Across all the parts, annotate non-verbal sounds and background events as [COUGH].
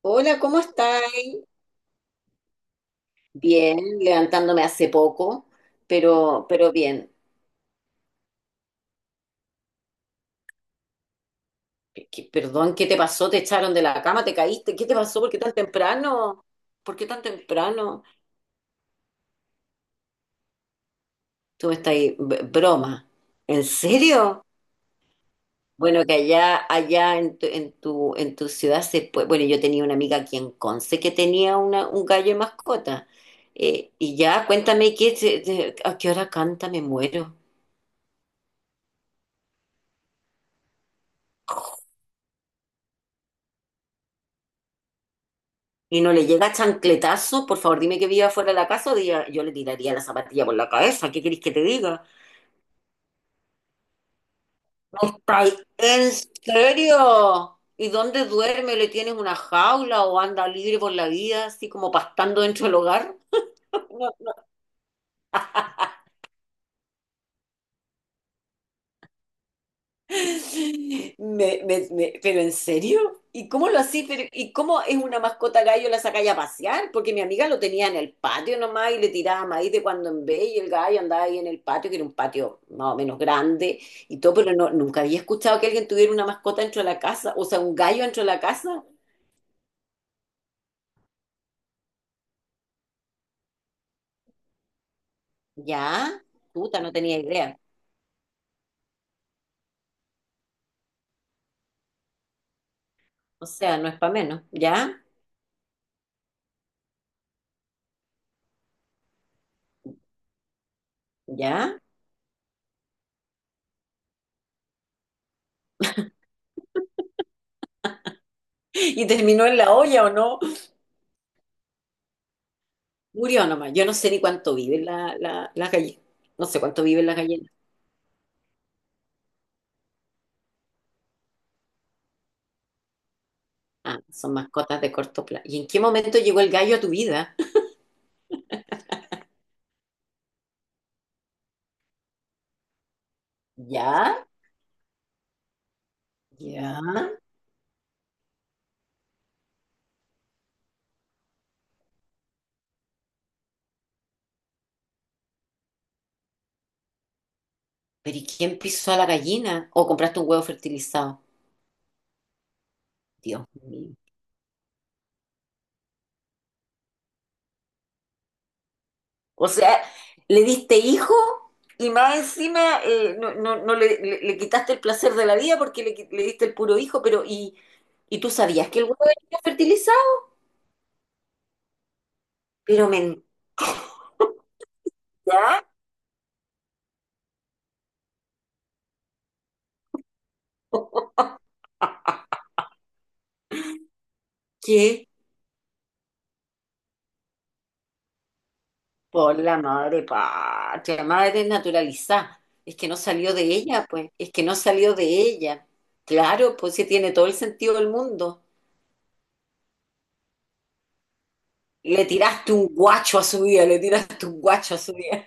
Hola, ¿cómo estáis? Bien, levantándome hace poco, pero bien. Perdón, ¿qué te pasó? ¿Te echaron de la cama? ¿Te caíste? ¿Qué te pasó? ¿Por qué tan temprano? ¿Por qué tan temprano? Tú me estás ahí, broma. ¿En serio? Bueno, que allá en tu ciudad se puede. Bueno, yo tenía una amiga aquí en Conce que tenía un gallo de mascota. Y ya, cuéntame qué, a qué hora canta, me muero. Y no le llega chancletazo, por favor, dime que viva fuera de la casa, o diga, yo le tiraría la zapatilla por la cabeza. ¿Qué queréis que te diga? ¿No estáis en serio? ¿Y dónde duerme? ¿Le tienes una jaula o anda libre por la vida, así como pastando dentro del hogar? [LAUGHS] ¿Pero en serio? ¿Y cómo lo así? ¿Y cómo es una mascota gallo la sacáis a pasear? Porque mi amiga lo tenía en el patio nomás y le tiraba maíz de cuando en vez y el gallo andaba ahí en el patio, que era un patio más o menos grande y todo, pero no, nunca había escuchado que alguien tuviera una mascota dentro de la casa, o sea, un gallo dentro de la casa. ¿Ya? Puta, no tenía idea. O sea, no es para menos. ¿Ya? ¿Ya? ¿Y terminó en la olla o no? Murió nomás. Yo no sé ni cuánto viven las gallinas. No sé cuánto viven las gallinas. Ah, son mascotas de corto plazo. ¿Y en qué momento llegó el gallo a tu vida? ¿Ya? Ya. ¿Pero y quién pisó a la gallina? ¿O compraste un huevo fertilizado? Dios mío. O sea, le diste hijo y más encima no, no, no le quitaste el placer de la vida porque le diste el puro hijo, pero ¿Y tú sabías que el huevo venía fertilizado? Pero mentira. [LAUGHS] ¿Qué? Por la madre patria, madre naturalizada. Es que no salió de ella, pues. Es que no salió de ella. Claro, pues sí tiene todo el sentido del mundo. Le tiraste un guacho a su vida, le tiraste un guacho a su vida.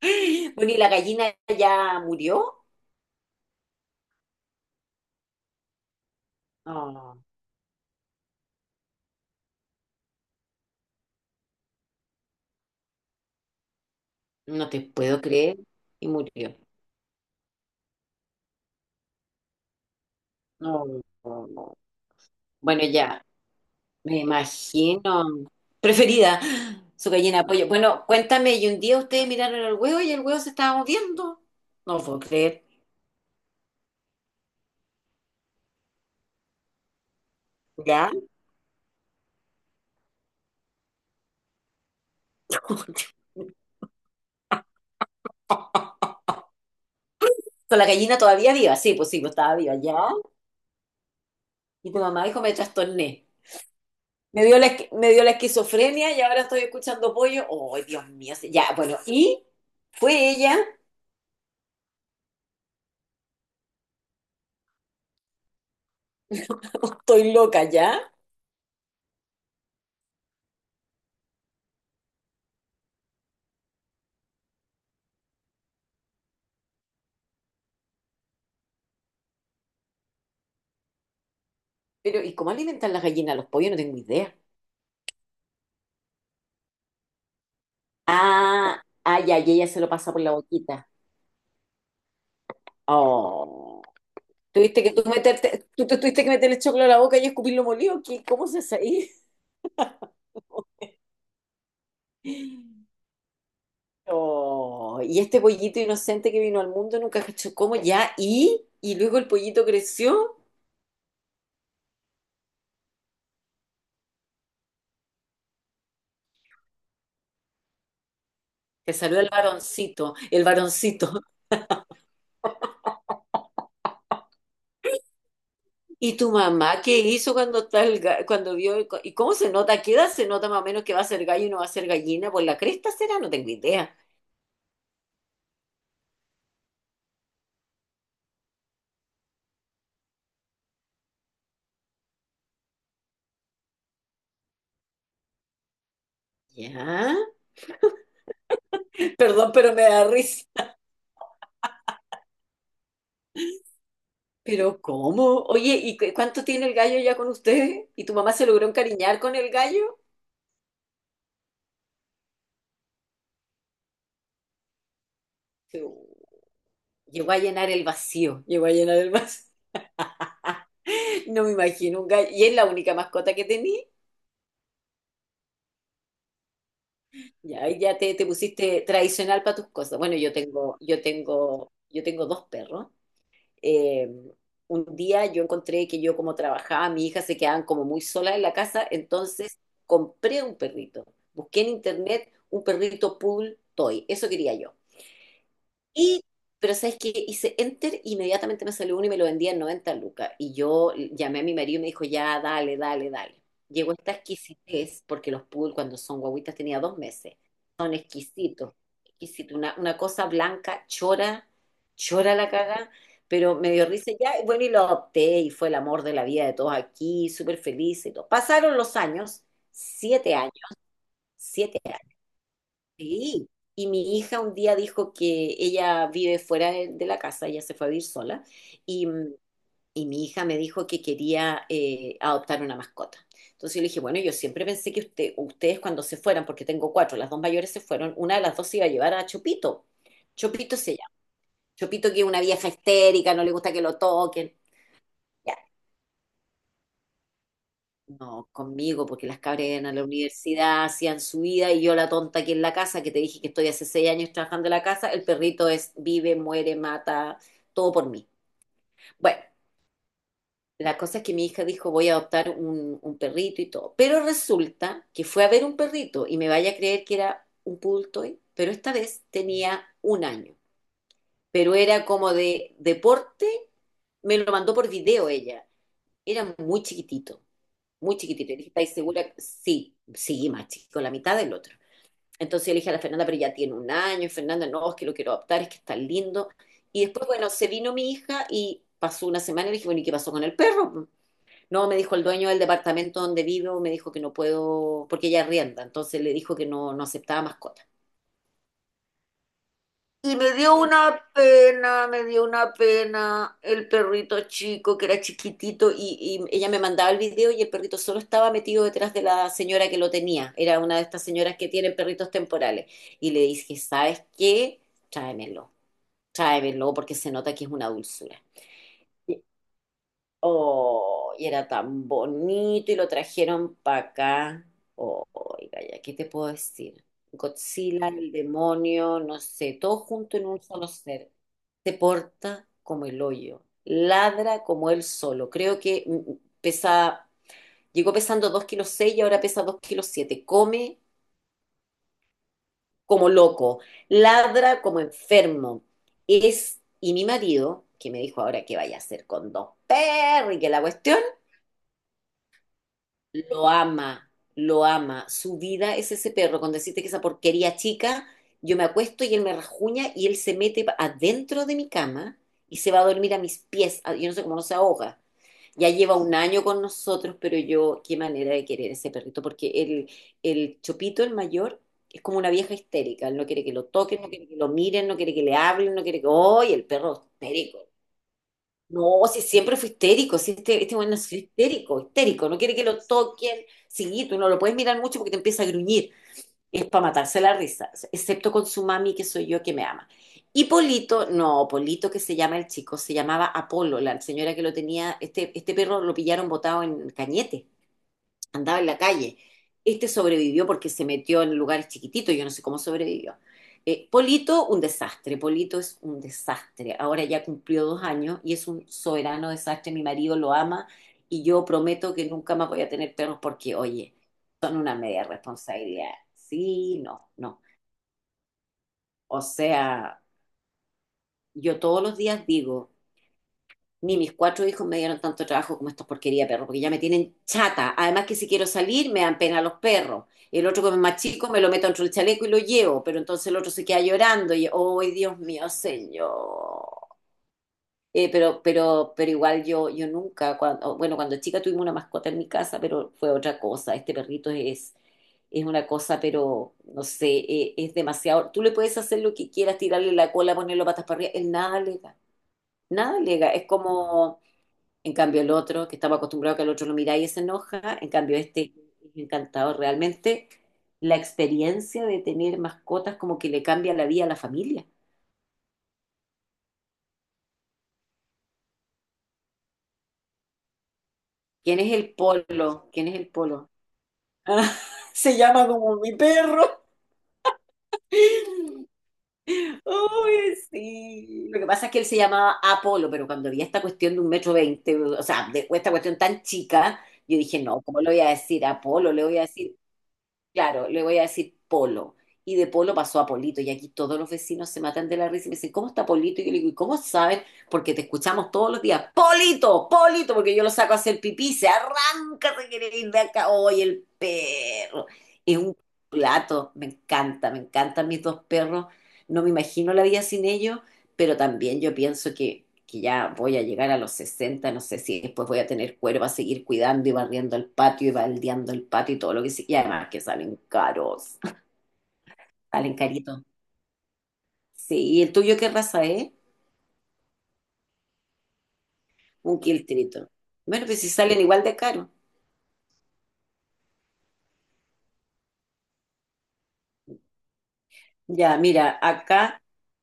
[LAUGHS] Bueno, ¿y la gallina ya murió? No, no te puedo creer. Y murió. No, no, no. Bueno, ya, me imagino. Preferida, su gallina de pollo. Bueno, cuéntame, y un día ustedes miraron el huevo y el huevo se estaba moviendo. No lo puedo creer. ¿Ya? [LAUGHS] Con la gallina todavía viva, sí, pues estaba viva, ¿ya? Y tu mamá dijo, me trastorné. Me dio la esquizofrenia y ahora estoy escuchando pollo. ¡Oh, Dios mío! Sí, ya, bueno, y fue ella, estoy loca, ¿ya? Pero, ¿y cómo alimentan las gallinas a los pollos? No tengo idea. Ah, ah, ya, y ella se lo pasa por la boquita. Oh. Tuviste que tú meterte, tú te tuviste que meterle choclo a la boca y escupirlo molido. ¿Qué, cómo se hace ahí? Oh, y este pollito inocente que vino al mundo nunca cachó cómo ya, y luego el pollito creció, te salió el varoncito, el varoncito. [LAUGHS] ¿Y tu mamá qué hizo cuando está el cuando vio el y cómo se nota? ¿Qué edad se nota más o menos que va a ser gallo y no va a ser gallina? Pues la cresta será, no tengo idea. Ya, perdón, pero me da risa. Pero ¿cómo? Oye, ¿y cuánto tiene el gallo ya con ustedes? ¿Y tu mamá se logró encariñar con el gallo? Llegó a llenar el vacío, llegó a llenar el vacío. No me imagino un gallo. ¿Y es la única mascota que tenía? Ya, ahí ya te pusiste tradicional para tus cosas. Bueno, yo tengo dos perros. Eh, un día yo encontré que yo como trabajaba, mi hija se quedaban como muy sola en la casa, entonces compré un perrito. Busqué en internet un perrito pool toy. Eso quería yo. Y, pero sabes que hice enter, inmediatamente me salió uno y me lo vendía en 90 lucas. Y yo llamé a mi marido y me dijo, ya, dale, dale, dale. Llegó esta exquisitez, porque los poodle cuando son guaguitas tenía dos meses. Son exquisitos, exquisitos. Una cosa blanca, chora, chora la caga, pero me dio risa ya. Y bueno, y lo adopté y fue el amor de la vida de todos aquí, súper feliz y todo. Pasaron los años, 7 años, 7 años. Sí, y mi hija un día dijo que ella vive fuera de la casa, ella se fue a vivir sola, y, mm, y mi hija me dijo que quería adoptar una mascota. Entonces yo le dije, bueno, yo siempre pensé que ustedes cuando se fueran, porque tengo cuatro, las dos mayores se fueron, una de las dos se iba a llevar a Chopito. Chopito se llama. Chopito que es una vieja histérica, no le gusta que lo toquen. No, conmigo, porque las cabras iban a la universidad, hacían su vida, y yo la tonta aquí en la casa, que te dije que estoy hace 6 años trabajando en la casa, el perrito es vive, muere, mata, todo por mí. Bueno, la cosa es que mi hija dijo voy a adoptar un perrito y todo, pero resulta que fue a ver un perrito y me vaya a creer que era un poodle toy, pero esta vez tenía un año, pero era como de deporte, me lo mandó por video ella, era muy chiquitito. Muy chiquitito. Y dije, ¿estáis segura? Sí, sí, más chico, la mitad del otro. Entonces yo le dije a la Fernanda, pero ya tiene un año, Fernanda, no, es que lo quiero adoptar, es que está lindo. Y después, bueno, se vino mi hija y pasó una semana y le dije, bueno, ¿y qué pasó con el perro? No, me dijo el dueño del departamento donde vivo, me dijo que no puedo, porque ella rienda, entonces le dijo que no, no aceptaba mascota. Y me dio una pena, me dio una pena el perrito chico que era chiquitito y ella me mandaba el video y el perrito solo estaba metido detrás de la señora que lo tenía. Era una de estas señoras que tienen perritos temporales. Y le dije, ¿sabes qué? Tráemelo, tráemelo porque se nota que es una dulzura. Oh, y era tan bonito y lo trajeron para acá. Oh, oiga, ya, ¿qué te puedo decir? Godzilla, el demonio, no sé, todo junto en un solo ser. Se porta como el hoyo, ladra como él solo. Creo que pesa, llegó pesando 2 kilos 6 y ahora pesa 2 kilos siete. Come como loco, ladra como enfermo. Es, y mi marido, que me dijo ahora que vaya a hacer con dos perros y que la cuestión. Lo ama, lo ama. Su vida es ese perro. Con decirte que esa porquería chica, yo me acuesto y él me rajuña y él se mete adentro de mi cama y se va a dormir a mis pies. Ah, yo no sé cómo no se ahoga. Ya lleva un año con nosotros, pero yo, qué manera de querer ese perrito, porque el Chopito, el mayor, es como una vieja histérica. Él no quiere que lo toquen, no quiere que lo miren, no quiere que le hablen, no quiere que, ¡ay, el perro histérico! No, si siempre fue histérico, si este bueno es histérico, histérico, no quiere que lo toquen, sí, tú no lo puedes mirar mucho porque te empieza a gruñir, es para matarse la risa, excepto con su mami, que soy yo que me ama. Y Polito, no, Polito que se llama el chico, se llamaba Apolo, la señora que lo tenía, este perro lo pillaron botado en Cañete, andaba en la calle. Este sobrevivió porque se metió en lugares chiquititos, yo no sé cómo sobrevivió. Polito, un desastre, Polito es un desastre. Ahora ya cumplió 2 años y es un soberano desastre, mi marido lo ama y yo prometo que nunca más voy a tener perros porque, oye, son una media responsabilidad. Sí, no, no. O sea, yo todos los días digo, ni mis cuatro hijos me dieron tanto trabajo como estos porquería de perros, porque ya me tienen chata. Además que si quiero salir, me dan pena los perros. El otro, como es más chico, me lo meto dentro del chaleco y lo llevo, pero entonces el otro se queda llorando y, ¡oh, Dios mío, señor! Pero, igual yo nunca, bueno, cuando chica tuvimos una mascota en mi casa, pero fue otra cosa. Este perrito es una cosa, pero no sé, es demasiado. Tú le puedes hacer lo que quieras, tirarle la cola, ponerlo patas para arriba, él nada le da, nada le da. Es como, en cambio, el otro, que estamos acostumbrados a que el otro lo mira y se enoja, en cambio, este es encantador. Realmente, la experiencia de tener mascotas como que le cambia la vida a la familia. ¿Quién es el polo? ¿Quién es el polo? Ah, [LAUGHS] se llama como mi perro. Uy, sí. Lo que pasa es que él se llamaba Apolo, pero cuando vi esta cuestión de un metro veinte, o sea, de esta cuestión tan chica, yo dije, no, ¿cómo le voy a decir Apolo? Le voy a decir Claro, le voy a decir Polo. Y de Polo pasó a Polito. Y aquí todos los vecinos se matan de la risa y me dicen, ¿cómo está Polito? Y yo le digo, ¿y cómo sabes? Porque te escuchamos todos los días, Polito, Polito, porque yo lo saco a hacer pipí, se arranca, se quiere ir de acá. ¡Oye, el perro! Es un plato, me encanta, me encantan mis dos perros. No me imagino la vida sin ellos, pero también yo pienso que ya voy a llegar a los 60, no sé si después voy a tener cuerpo a seguir cuidando y barriendo el patio y baldeando el patio y todo lo que sí. Y además que salen caros, [LAUGHS] salen caritos. Sí, ¿y el tuyo qué raza es? Un quiltrito. Bueno, pues si salen igual de caro. Ya, mira, acá,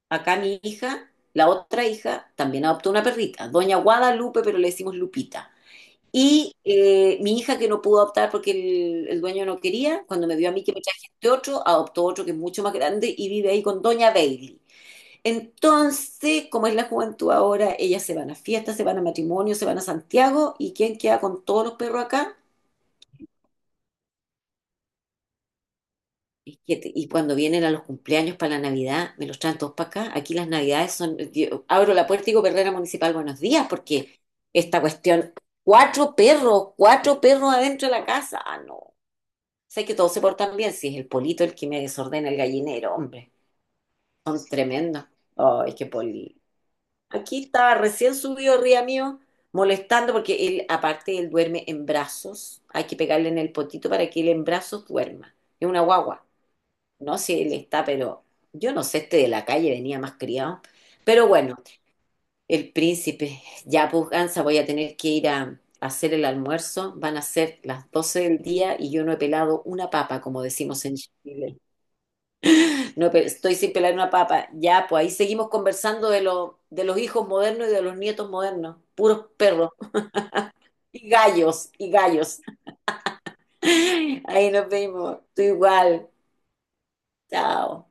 acá mi hija, la otra hija, también adoptó una perrita, Doña Guadalupe, pero le decimos Lupita. Y mi hija que no pudo adoptar porque el dueño no quería, cuando me vio a mí que me traje este otro, adoptó otro que es mucho más grande y vive ahí con Doña Bailey. Entonces, como es la juventud ahora, ellas se van a fiestas, se van a matrimonios, se van a Santiago y ¿quién queda con todos los perros acá? Y cuando vienen a los cumpleaños para la Navidad, me los traen todos para acá. Aquí las Navidades son, yo abro la puerta y digo, Perrera Municipal, buenos días, porque esta cuestión, cuatro perros adentro de la casa, ah, no. Sé que todos se portan bien, si es el polito el que me desordena el gallinero, hombre. Son tremendos. Ay, qué polito. Aquí estaba recién subido arriba mío, molestando porque él, aparte, él duerme en brazos. Hay que pegarle en el potito para que él en brazos duerma. Es una guagua. No sé, él está, pero yo no sé, este de la calle venía más criado. Pero bueno, el príncipe, ya pues, Gansa, voy a tener que ir a hacer el almuerzo. Van a ser las 12 del día y yo no he pelado una papa, como decimos en Chile. No, pero estoy sin pelar una papa. Ya, pues ahí seguimos conversando de los hijos modernos y de los nietos modernos. Puros perros y gallos y gallos. [LAUGHS] Ahí nos vemos. Tú igual. Chao.